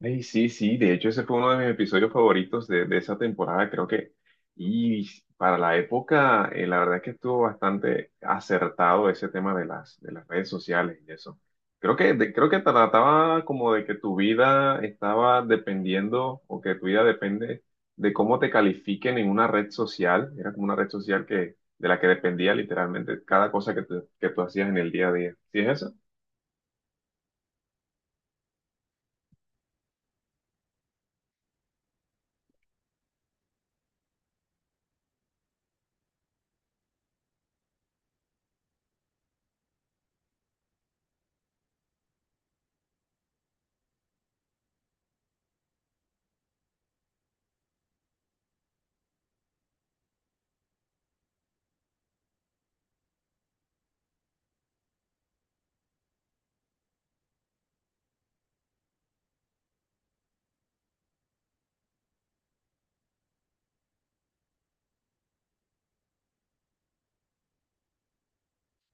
Ey, sí, sí, de hecho ese fue uno de mis episodios favoritos de esa temporada, creo que, y para la época, la verdad es que estuvo bastante acertado ese tema de las redes sociales y eso. Creo que, creo que trataba como de que tu vida estaba dependiendo o que tu vida depende de cómo te califiquen en una red social. Era como una red social de la que dependía literalmente cada cosa que tú hacías en el día a día. ¿Sí es eso?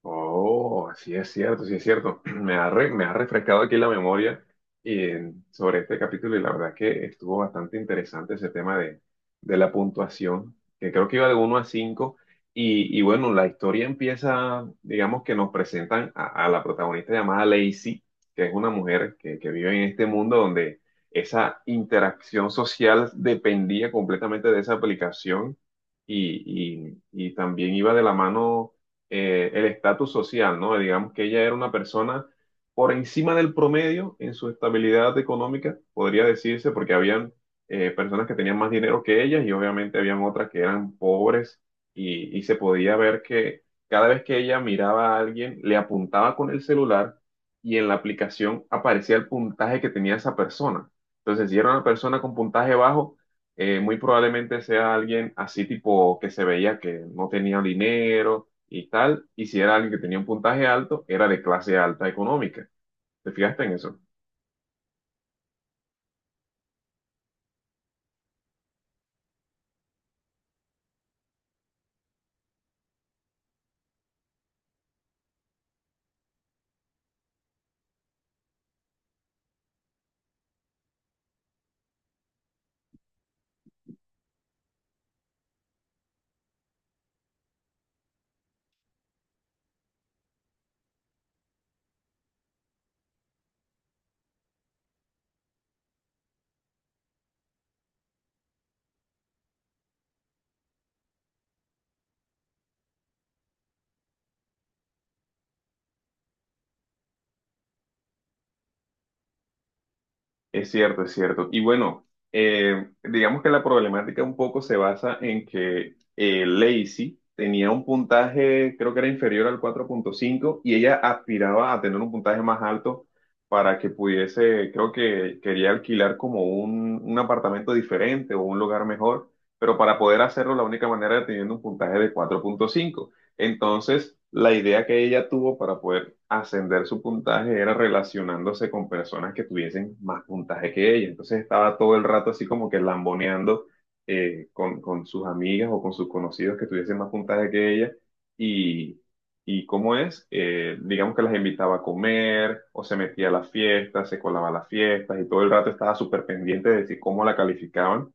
Oh, sí es cierto, sí es cierto. Me ha refrescado aquí la memoria sobre este capítulo, y la verdad que estuvo bastante interesante ese tema de la puntuación, que creo que iba de uno a 5 y bueno, la historia empieza, digamos que nos presentan a la protagonista llamada Lacey, que es una mujer que vive en este mundo donde esa interacción social dependía completamente de esa aplicación y, y también iba de la mano el estatus social, ¿no? Digamos que ella era una persona por encima del promedio en su estabilidad económica, podría decirse, porque habían personas que tenían más dinero que ellas y obviamente habían otras que eran pobres y se podía ver que cada vez que ella miraba a alguien, le apuntaba con el celular, y en la aplicación aparecía el puntaje que tenía esa persona. Entonces, si era una persona con puntaje bajo, muy probablemente sea alguien así tipo que se veía que no tenía dinero y tal, y si era alguien que tenía un puntaje alto, era de clase alta económica. ¿Te fijaste en eso? Es cierto, es cierto. Y bueno, digamos que la problemática un poco se basa en que Lacey tenía un puntaje, creo que era inferior al 4.5, y ella aspiraba a tener un puntaje más alto para que pudiese, creo que quería alquilar como un apartamento diferente o un lugar mejor, pero para poder hacerlo la única manera era teniendo un puntaje de 4.5. Entonces, la idea que ella tuvo para poder ascender su puntaje era relacionándose con personas que tuviesen más puntaje que ella. Entonces estaba todo el rato así como que lamboneando con sus amigas o con sus conocidos que tuviesen más puntaje que ella. Y, y cómo es, digamos que las invitaba a comer o se metía a las fiestas, se colaba a las fiestas y todo el rato estaba súper pendiente de decir cómo la calificaban.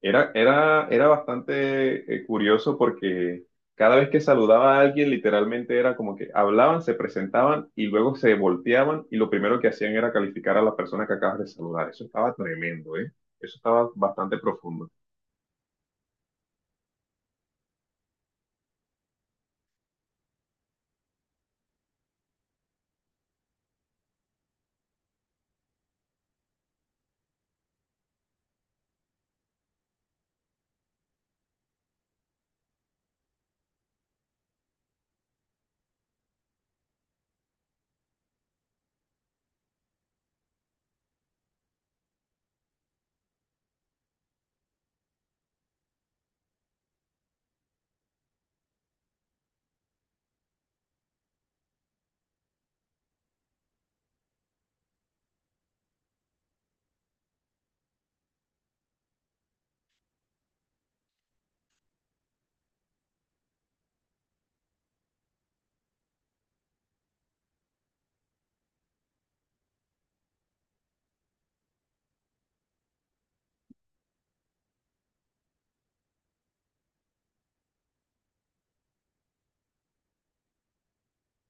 Era bastante curioso porque cada vez que saludaba a alguien, literalmente era como que hablaban, se presentaban y luego se volteaban, y lo primero que hacían era calificar a la persona que acabas de saludar. Eso estaba tremendo, ¿eh? Eso estaba bastante profundo.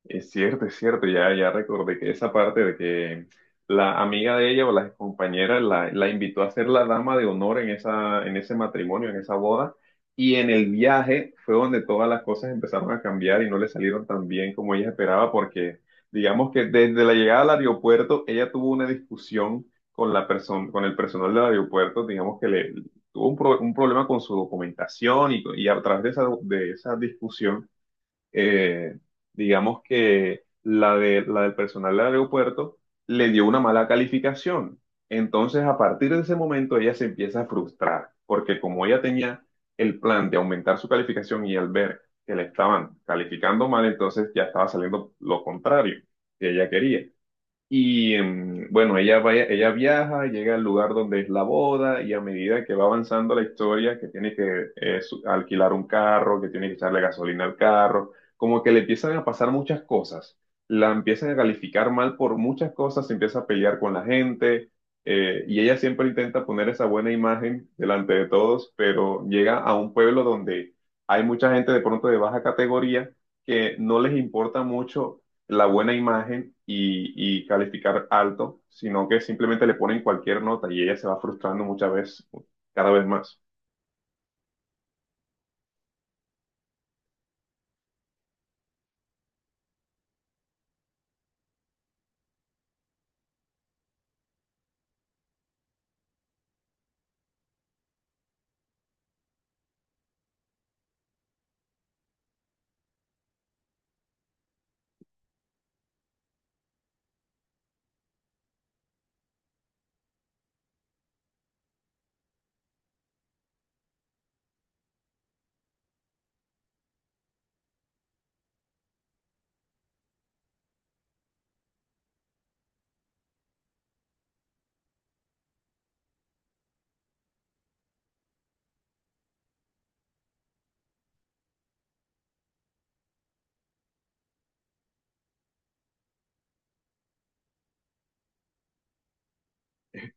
Es cierto, ya, ya recordé que esa parte de que la amiga de ella o la compañera la invitó a ser la dama de honor en esa, en ese matrimonio, en esa boda, y en el viaje fue donde todas las cosas empezaron a cambiar y no le salieron tan bien como ella esperaba, porque digamos que desde la llegada al aeropuerto ella tuvo una discusión con la persona, con el personal del aeropuerto. Digamos que le tuvo un problema con su documentación, y a través de esa discusión, eh, digamos que la del personal del aeropuerto le dio una mala calificación. Entonces, a partir de ese momento, ella se empieza a frustrar, porque como ella tenía el plan de aumentar su calificación, y al ver que le estaban calificando mal, entonces ya estaba saliendo lo contrario que ella quería. Y bueno, ella viaja, llega al lugar donde es la boda, y a medida que va avanzando la historia, que tiene que alquilar un carro, que tiene que echarle gasolina al carro, como que le empiezan a pasar muchas cosas. La empiezan a calificar mal por muchas cosas, se empieza a pelear con la gente, y ella siempre intenta poner esa buena imagen delante de todos, pero llega a un pueblo donde hay mucha gente de pronto de baja categoría que no les importa mucho la buena imagen y calificar alto, sino que simplemente le ponen cualquier nota, y ella se va frustrando muchas veces, cada vez más.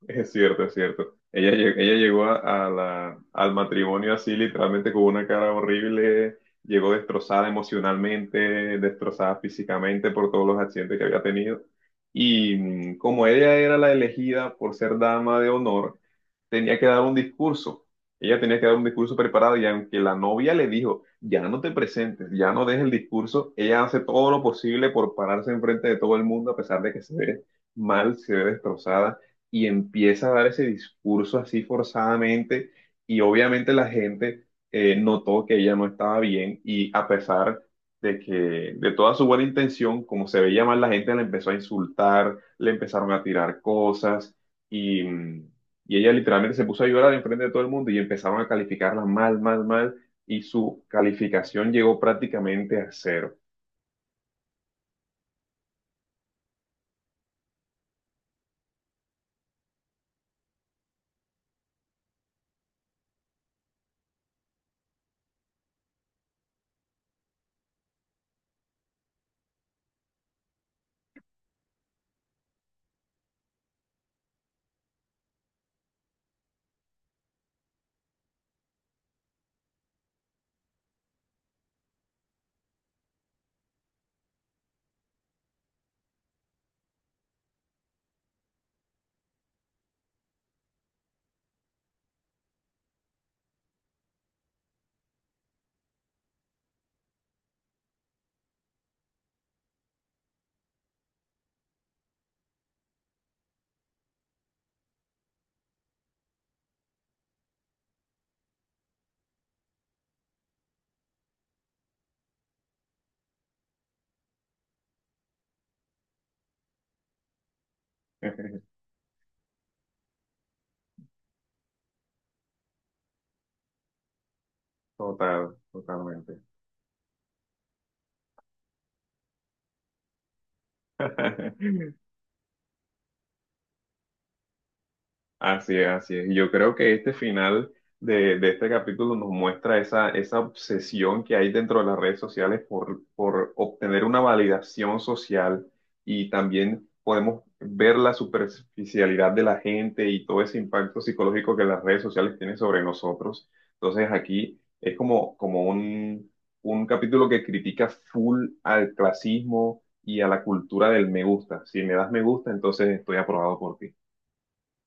Es cierto, es cierto. Ella llegó al matrimonio así, literalmente con una cara horrible, llegó destrozada emocionalmente, destrozada físicamente por todos los accidentes que había tenido. Y como ella era la elegida por ser dama de honor, tenía que dar un discurso. Ella tenía que dar un discurso preparado, y aunque la novia le dijo, ya no te presentes, ya no des el discurso, ella hace todo lo posible por pararse enfrente de todo el mundo a pesar de que se ve mal, se ve destrozada, y empieza a dar ese discurso así forzadamente, y obviamente la gente notó que ella no estaba bien, y a pesar de que de toda su buena intención, como se veía mal, la gente la empezó a insultar, le empezaron a tirar cosas y, y ella literalmente se puso a llorar enfrente de todo el mundo y empezaron a calificarla mal, mal, mal, y su calificación llegó prácticamente a cero. Total, totalmente. Así es, así es. Y yo creo que este final de este capítulo nos muestra esa obsesión que hay dentro de las redes sociales por obtener una validación social, y también podemos ver la superficialidad de la gente y todo ese impacto psicológico que las redes sociales tienen sobre nosotros. Entonces aquí es como un capítulo que critica full al clasismo y a la cultura del me gusta. Si me das me gusta, entonces estoy aprobado por ti.